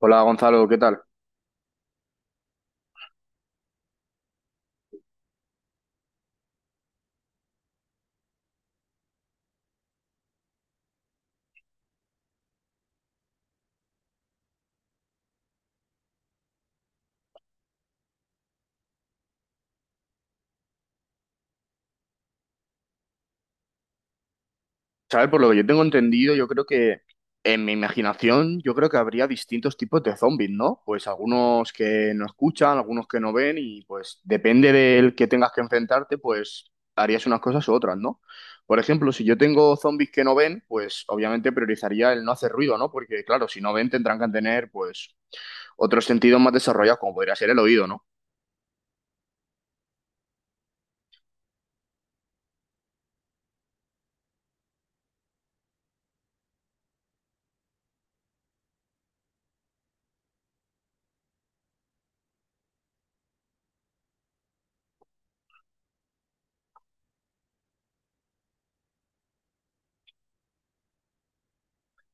Hola Gonzalo, ¿qué tal? ¿Sabes? Por lo que yo tengo entendido, yo creo que en mi imaginación, yo creo que habría distintos tipos de zombies, ¿no? Pues algunos que no escuchan, algunos que no ven y pues depende del que tengas que enfrentarte, pues harías unas cosas u otras, ¿no? Por ejemplo, si yo tengo zombies que no ven, pues obviamente priorizaría el no hacer ruido, ¿no? Porque claro, si no ven tendrán que tener pues otros sentidos más desarrollados, como podría ser el oído, ¿no?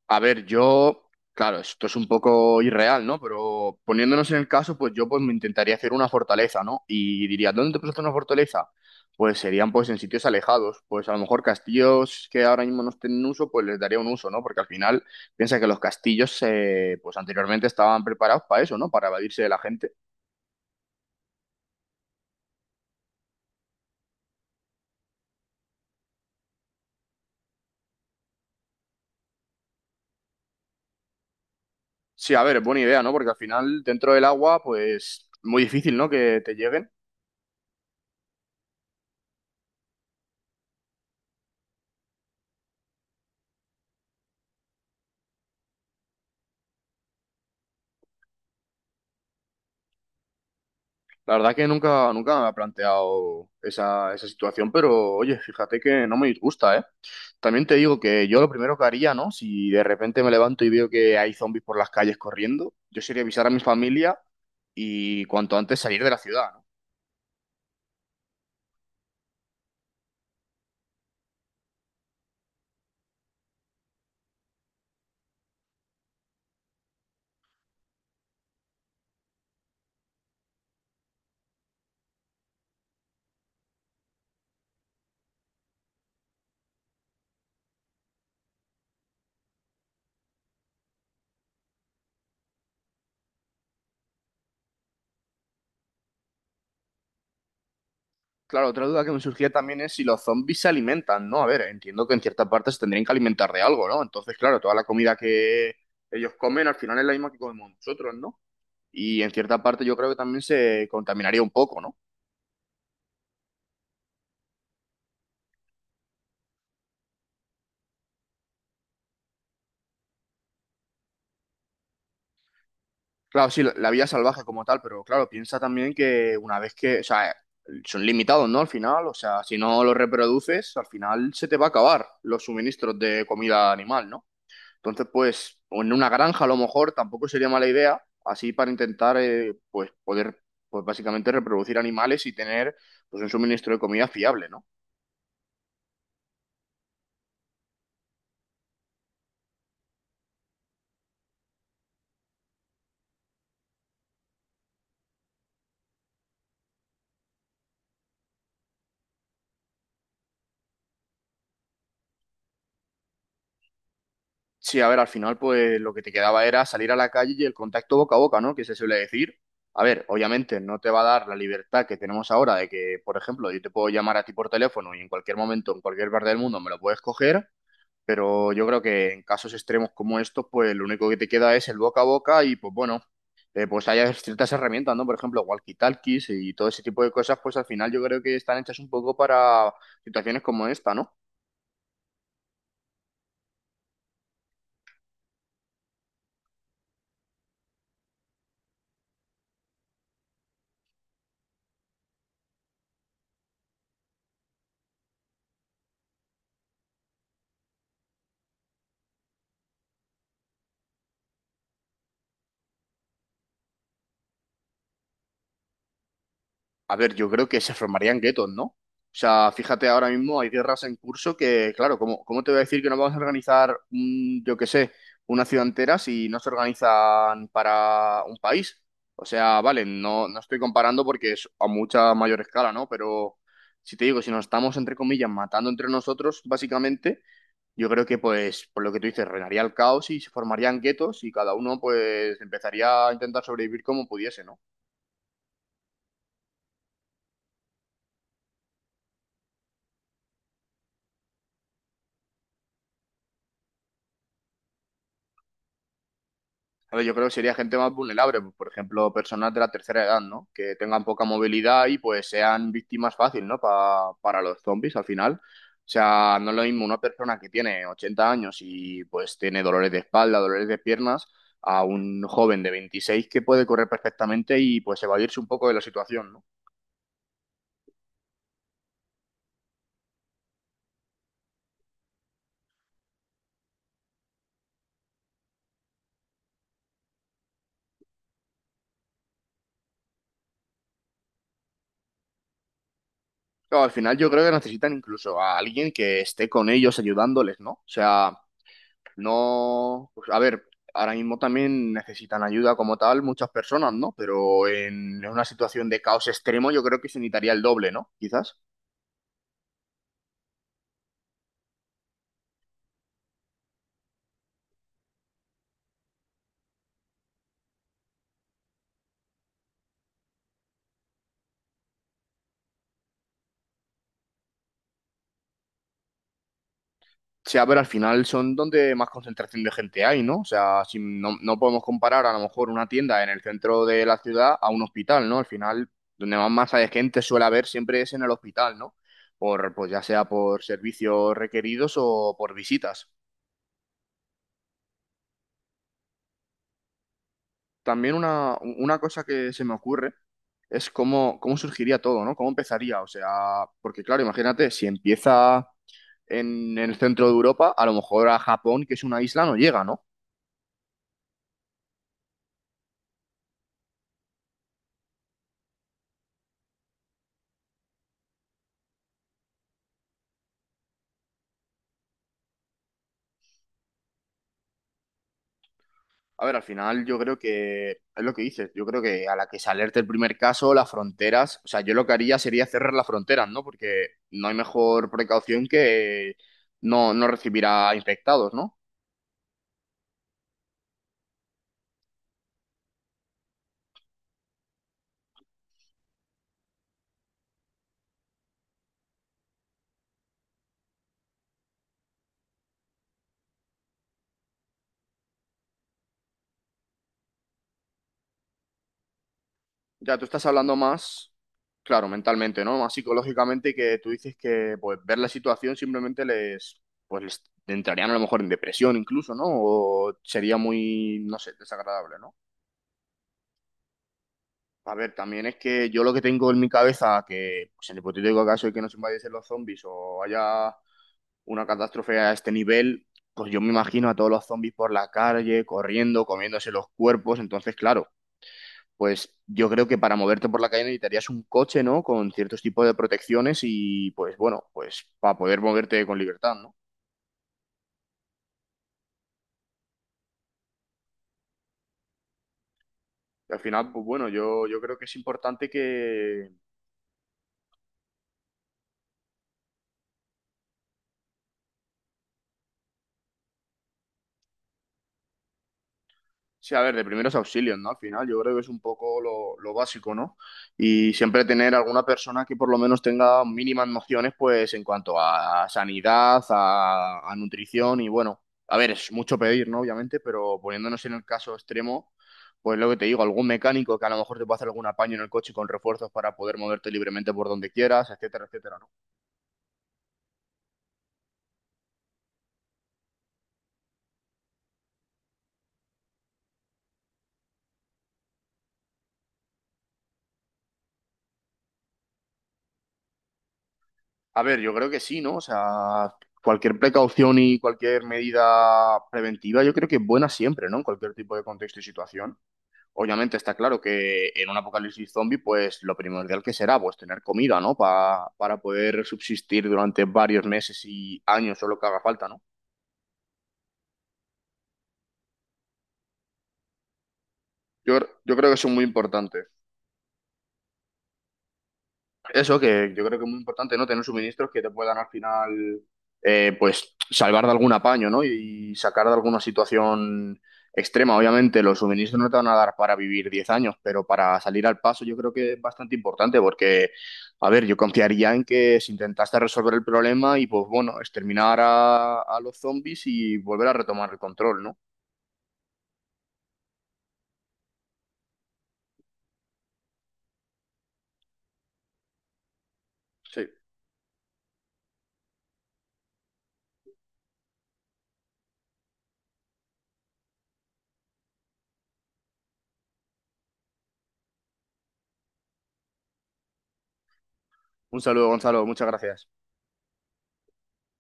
A ver, yo, claro, esto es un poco irreal, ¿no? Pero poniéndonos en el caso, pues yo pues me intentaría hacer una fortaleza, ¿no? Y diría, ¿dónde te puedes hacer una fortaleza? Pues serían pues en sitios alejados, pues a lo mejor castillos que ahora mismo no estén en uso, pues les daría un uso, ¿no? Porque al final piensa que los castillos pues anteriormente estaban preparados para eso, ¿no? Para evadirse de la gente. Sí, a ver, es buena idea, ¿no? Porque al final dentro del agua, pues muy difícil, ¿no? Que te lleguen. La verdad que nunca, nunca me ha planteado esa, esa situación, pero oye, fíjate que no me disgusta, ¿eh? También te digo que yo lo primero que haría, ¿no? Si de repente me levanto y veo que hay zombies por las calles corriendo, yo sería avisar a mi familia y cuanto antes salir de la ciudad, ¿no? Claro, otra duda que me surgía también es si los zombies se alimentan, ¿no? A ver, entiendo que en ciertas partes se tendrían que alimentar de algo, ¿no? Entonces, claro, toda la comida que ellos comen al final es la misma que comemos nosotros, ¿no? Y en cierta parte yo creo que también se contaminaría un poco, ¿no? Claro, sí, la vida salvaje como tal, pero claro, piensa también que una vez que, o sea, son limitados, ¿no? Al final, o sea, si no los reproduces, al final se te va a acabar los suministros de comida animal, ¿no? Entonces, pues, o en una granja a lo mejor tampoco sería mala idea, así para intentar, pues, poder, pues, básicamente reproducir animales y tener, pues, un suministro de comida fiable, ¿no? Sí, a ver, al final, pues lo que te quedaba era salir a la calle y el contacto boca a boca, ¿no? Que se suele decir. A ver, obviamente no te va a dar la libertad que tenemos ahora de que, por ejemplo, yo te puedo llamar a ti por teléfono y en cualquier momento, en cualquier parte del mundo me lo puedes coger, pero yo creo que en casos extremos como estos, pues lo único que te queda es el boca a boca y, pues bueno, pues hay ciertas herramientas, ¿no? Por ejemplo, walkie-talkies y todo ese tipo de cosas, pues al final yo creo que están hechas un poco para situaciones como esta, ¿no? A ver, yo creo que se formarían guetos, ¿no? O sea, fíjate, ahora mismo hay guerras en curso que, claro, ¿cómo, cómo te voy a decir que no vamos a organizar, un, yo qué sé, una ciudad entera si no se organizan para un país? O sea, vale, no, no estoy comparando porque es a mucha mayor escala, ¿no? Pero si te digo, si nos estamos, entre comillas, matando entre nosotros, básicamente, yo creo que, pues, por lo que tú dices, reinaría el caos y se formarían guetos y cada uno, pues, empezaría a intentar sobrevivir como pudiese, ¿no? A ver, yo creo que sería gente más vulnerable, pues, por ejemplo, personas de la tercera edad, ¿no? Que tengan poca movilidad y pues sean víctimas fácil, ¿no? Para los zombies al final. O sea, no es lo mismo una persona que tiene 80 años y pues tiene dolores de espalda, dolores de piernas, a un joven de 26 que puede correr perfectamente y pues evadirse un poco de la situación, ¿no? Claro, al final yo creo que necesitan incluso a alguien que esté con ellos ayudándoles, ¿no? O sea... No, pues, a ver, ahora mismo también necesitan ayuda como tal muchas personas, ¿no? Pero en una situación de caos extremo yo creo que se necesitaría el doble, ¿no? Quizás. O a ver al final son donde más concentración de gente hay, ¿no? O sea, si no, no podemos comparar a lo mejor una tienda en el centro de la ciudad a un hospital, ¿no? Al final, donde más masa de gente suele haber siempre es en el hospital, ¿no? Por, pues ya sea por servicios requeridos o por visitas. También una cosa que se me ocurre es cómo, cómo surgiría todo, ¿no? ¿Cómo empezaría? O sea, porque claro, imagínate, si empieza en el centro de Europa, a lo mejor a Japón, que es una isla, no llega, ¿no? A ver, al final yo creo que es lo que dices, yo creo que a la que se alerte el primer caso, las fronteras, o sea, yo lo que haría sería cerrar las fronteras, ¿no? Porque no hay mejor precaución que no, no recibir a infectados, ¿no? Ya tú estás hablando más, claro, mentalmente, ¿no? Más psicológicamente que tú dices que pues ver la situación simplemente les, pues les entrarían a lo mejor en depresión incluso, ¿no? O sería muy, no sé, desagradable, ¿no? A ver, también es que yo lo que tengo en mi cabeza, que pues, en el hipotético caso de que nos invadiesen los zombies o haya una catástrofe a este nivel, pues yo me imagino a todos los zombies por la calle, corriendo, comiéndose los cuerpos, entonces, claro. Pues yo creo que para moverte por la calle necesitarías un coche, ¿no? Con ciertos tipos de protecciones y pues bueno, pues para poder moverte con libertad, ¿no? Y al final, pues bueno, yo creo que es importante que sí, a ver, de primeros auxilios, ¿no? Al final, yo creo que es un poco lo básico, ¿no? Y siempre tener alguna persona que por lo menos tenga mínimas nociones, pues en cuanto a sanidad, a nutrición y bueno, a ver, es mucho pedir, ¿no? Obviamente, pero poniéndonos en el caso extremo, pues lo que te digo, algún mecánico que a lo mejor te pueda hacer algún apaño en el coche con refuerzos para poder moverte libremente por donde quieras, etcétera, etcétera, ¿no? A ver, yo creo que sí, ¿no? O sea, cualquier precaución y cualquier medida preventiva, yo creo que es buena siempre, ¿no? En cualquier tipo de contexto y situación. Obviamente está claro que en un apocalipsis zombie, pues lo primordial que será, pues tener comida, ¿no? Para poder subsistir durante varios meses y años o lo que haga falta, ¿no? Yo, yo creo que son muy importantes. Eso que yo creo que es muy importante, ¿no? Tener suministros que te puedan al final, pues, salvar de algún apaño, ¿no? Y sacar de alguna situación extrema. Obviamente, los suministros no te van a dar para vivir 10 años, pero para salir al paso yo creo que es bastante importante porque, a ver, yo confiaría en que si intentaste resolver el problema y, pues, bueno, exterminar a los zombies y volver a retomar el control, ¿no? Sí. Un saludo, Gonzalo. Muchas gracias.